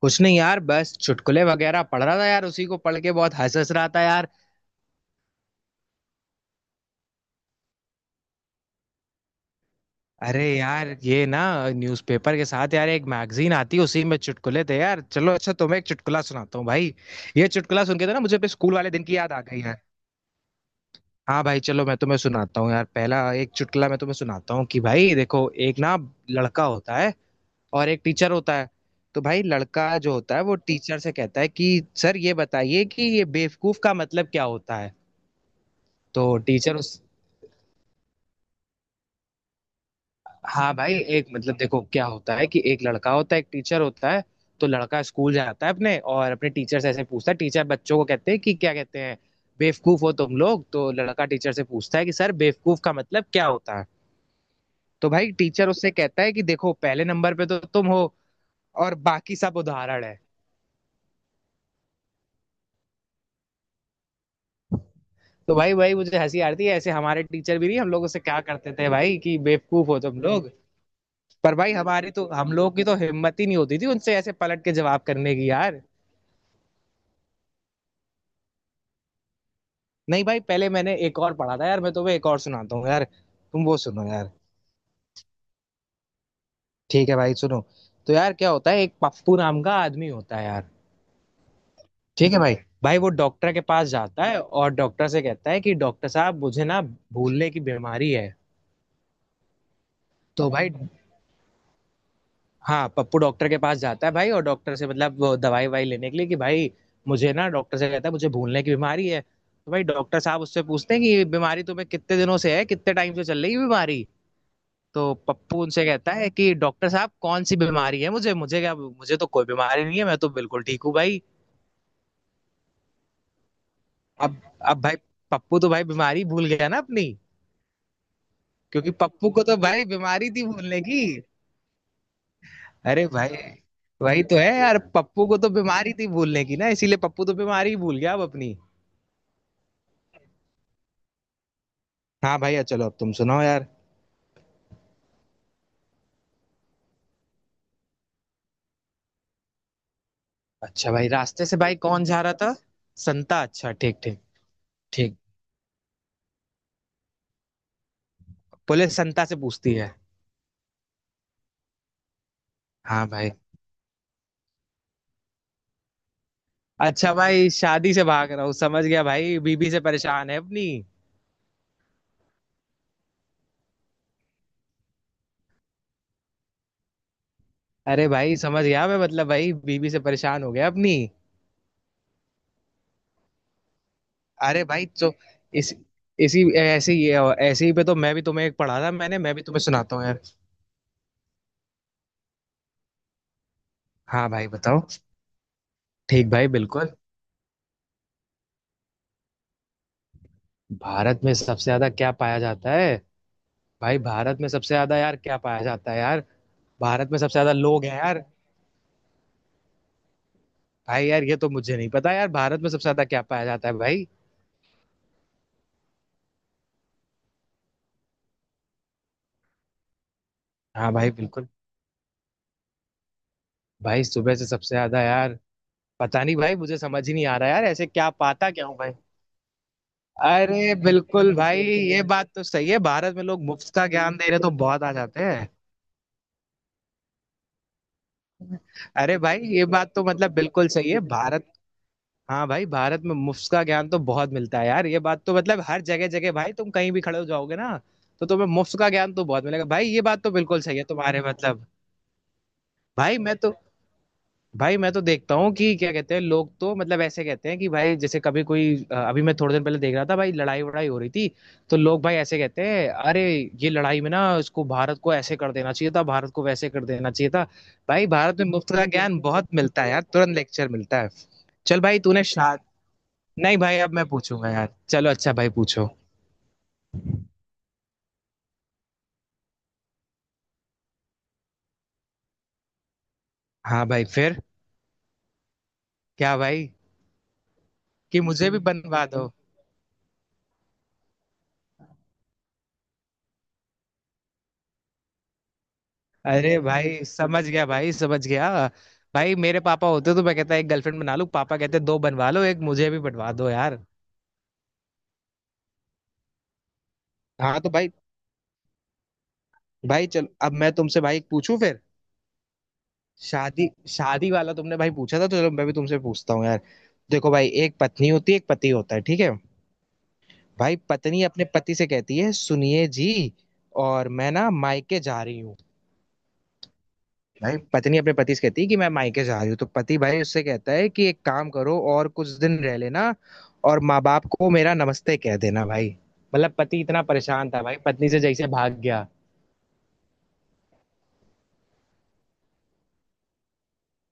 कुछ नहीं यार, बस चुटकुले वगैरह पढ़ रहा था यार। उसी को पढ़ के बहुत हंस हंस रहा था यार। अरे यार ये ना, न्यूज़पेपर के साथ यार एक मैगजीन आती है, उसी में चुटकुले थे यार। चलो अच्छा, तुम्हें एक चुटकुला सुनाता हूँ भाई। ये चुटकुला सुन के तो ना मुझे अपने स्कूल वाले दिन की याद आ गई है। हाँ भाई चलो, मैं तुम्हें सुनाता हूँ यार। पहला एक चुटकुला मैं तुम्हें सुनाता हूँ कि भाई देखो, एक ना लड़का होता है और एक टीचर होता है। तो भाई लड़का जो होता है वो टीचर से कहता है कि सर ये बताइए कि ये बेवकूफ का मतलब क्या होता है। तो टीचर उस हाँ भाई एक मतलब देखो क्या होता है कि एक लड़का होता है एक टीचर होता है। तो लड़का स्कूल जाता है अपने और अपने टीचर से ऐसे पूछता है। टीचर बच्चों को कहते हैं कि क्या कहते हैं, बेवकूफ हो तुम लोग। तो लड़का टीचर से पूछता है कि सर बेवकूफ का मतलब क्या होता है। तो भाई टीचर उससे कहता है कि देखो, पहले नंबर पे तो तुम हो और बाकी सब उदाहरण है। तो भाई भाई मुझे हंसी आती है, ऐसे हमारे टीचर भी नहीं हम लोगों से क्या करते थे भाई, कि बेवकूफ हो तुम लोग। पर भाई हमारी तो, हम लोगों की तो हिम्मत ही नहीं होती थी उनसे ऐसे पलट के जवाब करने की यार। नहीं भाई, पहले मैंने एक और पढ़ा था यार, मैं तुम्हें एक और सुनाता हूँ यार, तुम वो सुनो यार। ठीक है भाई सुनो। तो यार क्या होता है, एक पप्पू नाम का आदमी होता है यार। ठीक है भाई। भाई वो डॉक्टर के पास जाता है और डॉक्टर से कहता है कि डॉक्टर साहब मुझे ना भूलने की बीमारी है। तो भाई, हाँ, पप्पू डॉक्टर के पास जाता है भाई, और डॉक्टर से मतलब वो दवाई वाई लेने के लिए कि भाई मुझे ना, डॉक्टर से कहता है मुझे भूलने की बीमारी है। तो भाई डॉक्टर साहब उससे पूछते हैं कि ये बीमारी तुम्हें कितने दिनों से है, कितने टाइम से चल रही है ये बीमारी। तो पप्पू उनसे कहता है कि डॉक्टर साहब कौन सी बीमारी है, मुझे मुझे क्या, मुझे तो कोई बीमारी नहीं है, मैं तो बिल्कुल ठीक हूँ भाई। अब अब भाई पप्पू तो भाई बीमारी भूल गया ना अपनी, क्योंकि पप्पू को तो भाई बीमारी थी भूलने की। अरे भाई वही तो है यार, पप्पू को तो बीमारी थी भूलने की ना, इसीलिए पप्पू तो बीमारी ही भूल गया अब अपनी। हाँ भैया चलो, अब तुम सुनाओ यार। अच्छा भाई, रास्ते से भाई कौन जा रहा था। संता, अच्छा, ठीक ठीक। ठीक। पुलिस संता से पूछती है। हाँ भाई। अच्छा भाई, शादी से भाग रहा हूँ, समझ गया भाई, बीबी से परेशान है अपनी। अरे भाई समझ गया मैं, मतलब भाई बीबी से परेशान हो गया अपनी। अरे भाई तो, इस इसी ऐसे ही, ऐसे ही पे तो मैं भी तुम्हें एक पढ़ा था, मैंने मैं भी तुम्हें सुनाता हूँ यार। हाँ भाई बताओ। ठीक भाई, बिल्कुल। भारत में सबसे ज्यादा क्या पाया जाता है। भाई भारत में सबसे ज्यादा यार क्या पाया जाता है यार। भारत में सबसे ज्यादा लोग हैं यार। भाई यार ये तो मुझे नहीं पता यार, भारत में सबसे ज्यादा क्या पाया जाता है भाई। हाँ भाई बिल्कुल। भाई सुबह से सबसे ज्यादा यार पता नहीं भाई, मुझे समझ ही नहीं आ रहा यार, ऐसे क्या पाता क्या हूँ भाई। अरे बिल्कुल भाई, ये बात तो सही है, भारत में लोग मुफ्त का ज्ञान दे रहे तो बहुत आ जाते हैं। अरे भाई ये बात तो मतलब बिल्कुल सही है। भारत, हाँ भाई, भारत में मुफ्त का ज्ञान तो बहुत मिलता है यार। ये बात तो मतलब हर जगह जगह भाई, तुम कहीं भी खड़े हो जाओगे ना, तो तुम्हें मुफ्त का ज्ञान तो बहुत मिलेगा भाई। ये बात तो बिल्कुल सही है तुम्हारे मतलब। भाई मैं तो, भाई मैं तो देखता हूँ कि क्या कहते हैं लोग, तो मतलब ऐसे कहते हैं कि भाई, जैसे कभी कोई अभी मैं थोड़े दिन पहले देख रहा था भाई, लड़ाई वड़ाई हो रही थी। तो लोग भाई ऐसे कहते हैं, अरे ये लड़ाई में ना, इसको भारत को ऐसे कर देना चाहिए था, भारत को वैसे कर देना चाहिए था। भाई भारत में मुफ्त का ज्ञान बहुत मिलता है यार, तुरंत लेक्चर मिलता है। चल भाई तूने शाद नहीं भाई, अब मैं पूछूंगा यार। चलो अच्छा भाई पूछो। हाँ भाई फिर। क्या भाई, कि मुझे भी बनवा दो। अरे भाई समझ गया भाई समझ गया। भाई मेरे पापा होते तो मैं कहता एक गर्लफ्रेंड बना लूं, पापा कहते दो बनवा लो, एक मुझे भी बनवा दो यार। हाँ तो भाई, भाई चलो, अब मैं तुमसे भाई पूछूं फिर। शादी शादी वाला तुमने भाई पूछा था, तो चलो मैं भी तुमसे पूछता हूँ यार। देखो भाई, एक पत्नी होती है एक पति होता है, ठीक है। भाई पत्नी अपने पति से कहती है, सुनिए जी और मैं ना मायके जा रही हूँ। भाई पत्नी अपने पति से कहती है कि मैं मायके जा रही हूँ, तो पति भाई उससे कहता है कि एक काम करो और कुछ दिन रह लेना, और माँ बाप को मेरा नमस्ते कह देना भाई। मतलब पति इतना परेशान था भाई पत्नी से, जैसे भाग गया।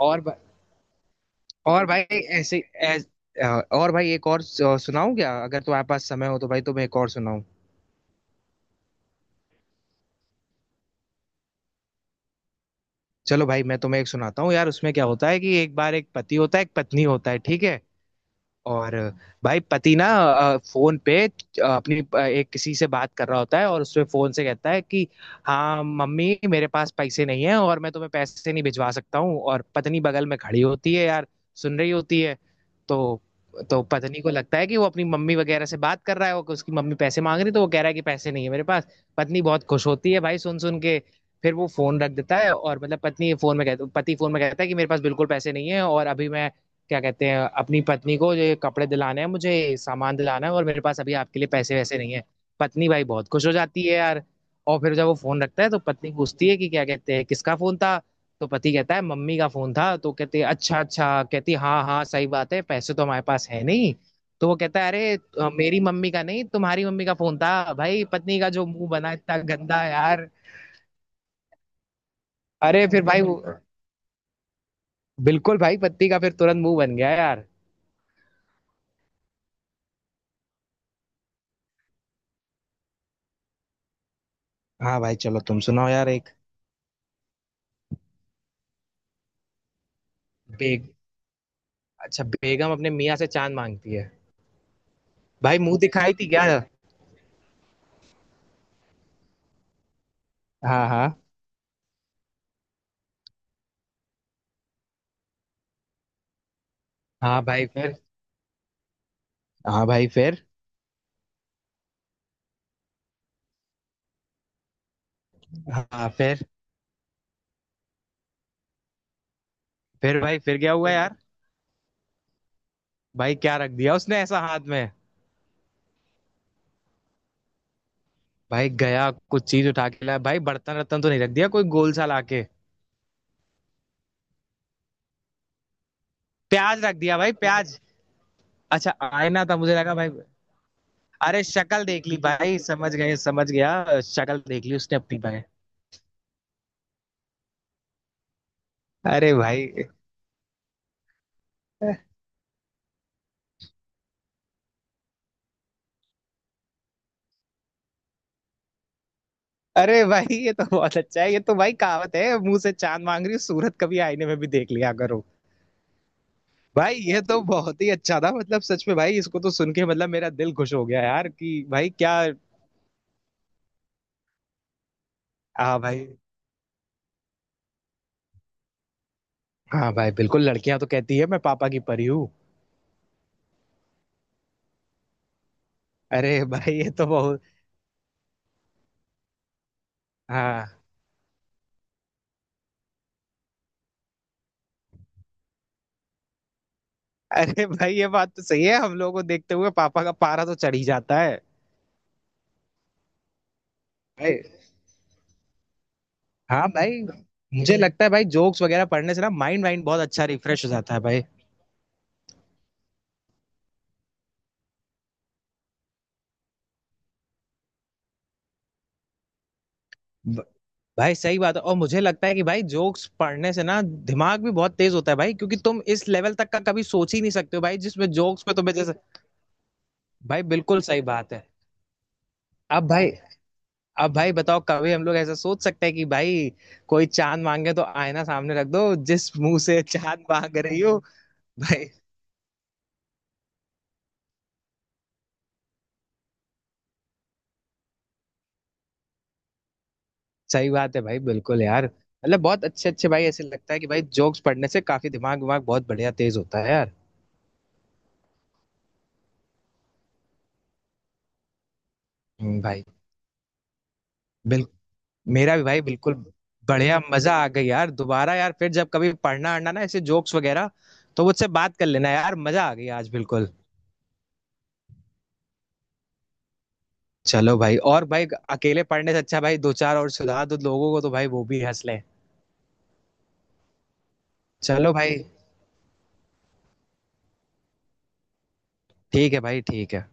और ब- और भाई ऐसे ऐस, और भाई एक और सुनाऊं क्या, अगर तुम्हारे पास समय हो तो भाई तुम्हें एक और सुनाऊं। चलो भाई मैं तुम्हें एक सुनाता हूँ यार। उसमें क्या होता है कि एक बार एक पति होता है एक पत्नी होता है, ठीक है। और भाई पति ना, फोन पे अपनी, एक किसी से बात कर रहा होता है, और उससे फोन से कहता है कि हाँ मम्मी मेरे पास पैसे नहीं है और मैं तुम्हें पैसे नहीं भिजवा सकता हूँ। और पत्नी बगल में खड़ी होती है यार, सुन रही होती है। तो तो पत्नी को लगता है कि वो अपनी मम्मी वगैरह से बात कर रहा है, वो उसकी मम्मी पैसे मांग रही, तो वो कह रहा है कि पैसे नहीं है मेरे पास। पत्नी बहुत खुश होती है भाई सुन सुन के। फिर वो फोन रख देता है, और मतलब पत्नी फोन में कहता, पति फोन में कहता है कि मेरे पास बिल्कुल पैसे नहीं है और अभी मैं क्या कहते हैं अपनी पत्नी को ये कपड़े दिलाने हैं मुझे, सामान दिलाना है, और मेरे पास अभी आपके लिए पैसे वैसे नहीं है। पत्नी भाई बहुत खुश हो जाती है यार। और फिर जब वो फोन रखता है तो पत्नी पूछती है कि क्या कहते हैं, किसका फोन था। तो पति कहता है मम्मी का फोन था, तो कहती है अच्छा अच्छा, कहती है हाँ हाँ सही बात है, पैसे तो हमारे पास है नहीं। तो वो कहता है अरे मेरी मम्मी का नहीं, तुम्हारी मम्मी का फोन था भाई। पत्नी का जो मुंह बना इतना गंदा यार। अरे फिर भाई बिल्कुल भाई पत्नी का फिर तुरंत मुंह बन गया यार। हाँ भाई चलो, तुम सुनाओ यार एक। बे- अच्छा बेगम अपने मियाँ से चांद मांगती है। भाई मुंह दिखाई थी क्या। हाँ हाँ। हाँ भाई फिर। हाँ भाई फिर। हाँ फिर। फिर भाई फिर क्या हुआ यार, भाई क्या रख दिया उसने ऐसा हाथ में। भाई गया कुछ चीज उठा के लाया भाई, बर्तन रत्तन तो नहीं रख दिया, कोई गोल सा लाके। प्याज रख दिया भाई, प्याज। अच्छा आईना था, मुझे लगा भाई। अरे शक्ल देख ली भाई, समझ गए समझ गया, शक्ल देख ली उसने अपनी भाई। अरे भाई। अरे भाई ये तो बहुत अच्छा है, ये तो भाई कहावत है, मुंह से चांद मांग रही हो, सूरत कभी आईने में भी देख लिया करो। भाई ये तो बहुत ही अच्छा था, मतलब सच में भाई इसको तो सुन के मतलब मेरा दिल खुश हो गया यार, कि भाई क्या। हाँ भाई। हाँ भाई बिल्कुल, लड़कियां तो कहती है मैं पापा की परी हूँ। अरे भाई ये तो बहुत। हाँ। अरे भाई ये बात तो सही है, हम लोगों को देखते हुए पापा का पारा तो चढ़ ही जाता है। भाई। हाँ भाई। मुझे लगता है भाई जोक्स वगैरह पढ़ने से ना, माइंड वाइंड बहुत अच्छा रिफ्रेश हो जाता है भाई। भाई सही बात है, और मुझे लगता है कि भाई जोक्स पढ़ने से ना दिमाग भी बहुत तेज होता है भाई, क्योंकि तुम इस लेवल तक का कभी सोच ही नहीं सकते हो भाई, जिसमें जोक्स पे तुम्हें जैसे। भाई बिल्कुल सही बात है। अब भाई अब भाई बताओ, कभी हम लोग ऐसा सोच सकते हैं कि भाई कोई चांद मांगे तो आईना सामने रख दो, जिस मुंह से चांद मांग रही हो। भाई। सही बात है भाई बिल्कुल यार, मतलब बहुत अच्छे अच्छे भाई, ऐसे लगता है कि भाई जोक्स पढ़ने से काफी दिमाग दिमाग बहुत बढ़िया तेज होता है यार। भाई, बिल्कुल। मेरा भी भाई बिल्कुल बढ़िया मजा आ गई यार। दोबारा यार फिर जब कभी पढ़ना अढ़ना ना ऐसे जोक्स वगैरह, तो मुझसे बात कर लेना यार, मजा आ गई आज बिल्कुल। चलो भाई, और भाई अकेले पढ़ने से अच्छा भाई दो चार और सुधार दो लोगों को, तो भाई वो भी हंस लें। चलो भाई, ठीक है भाई, ठीक है।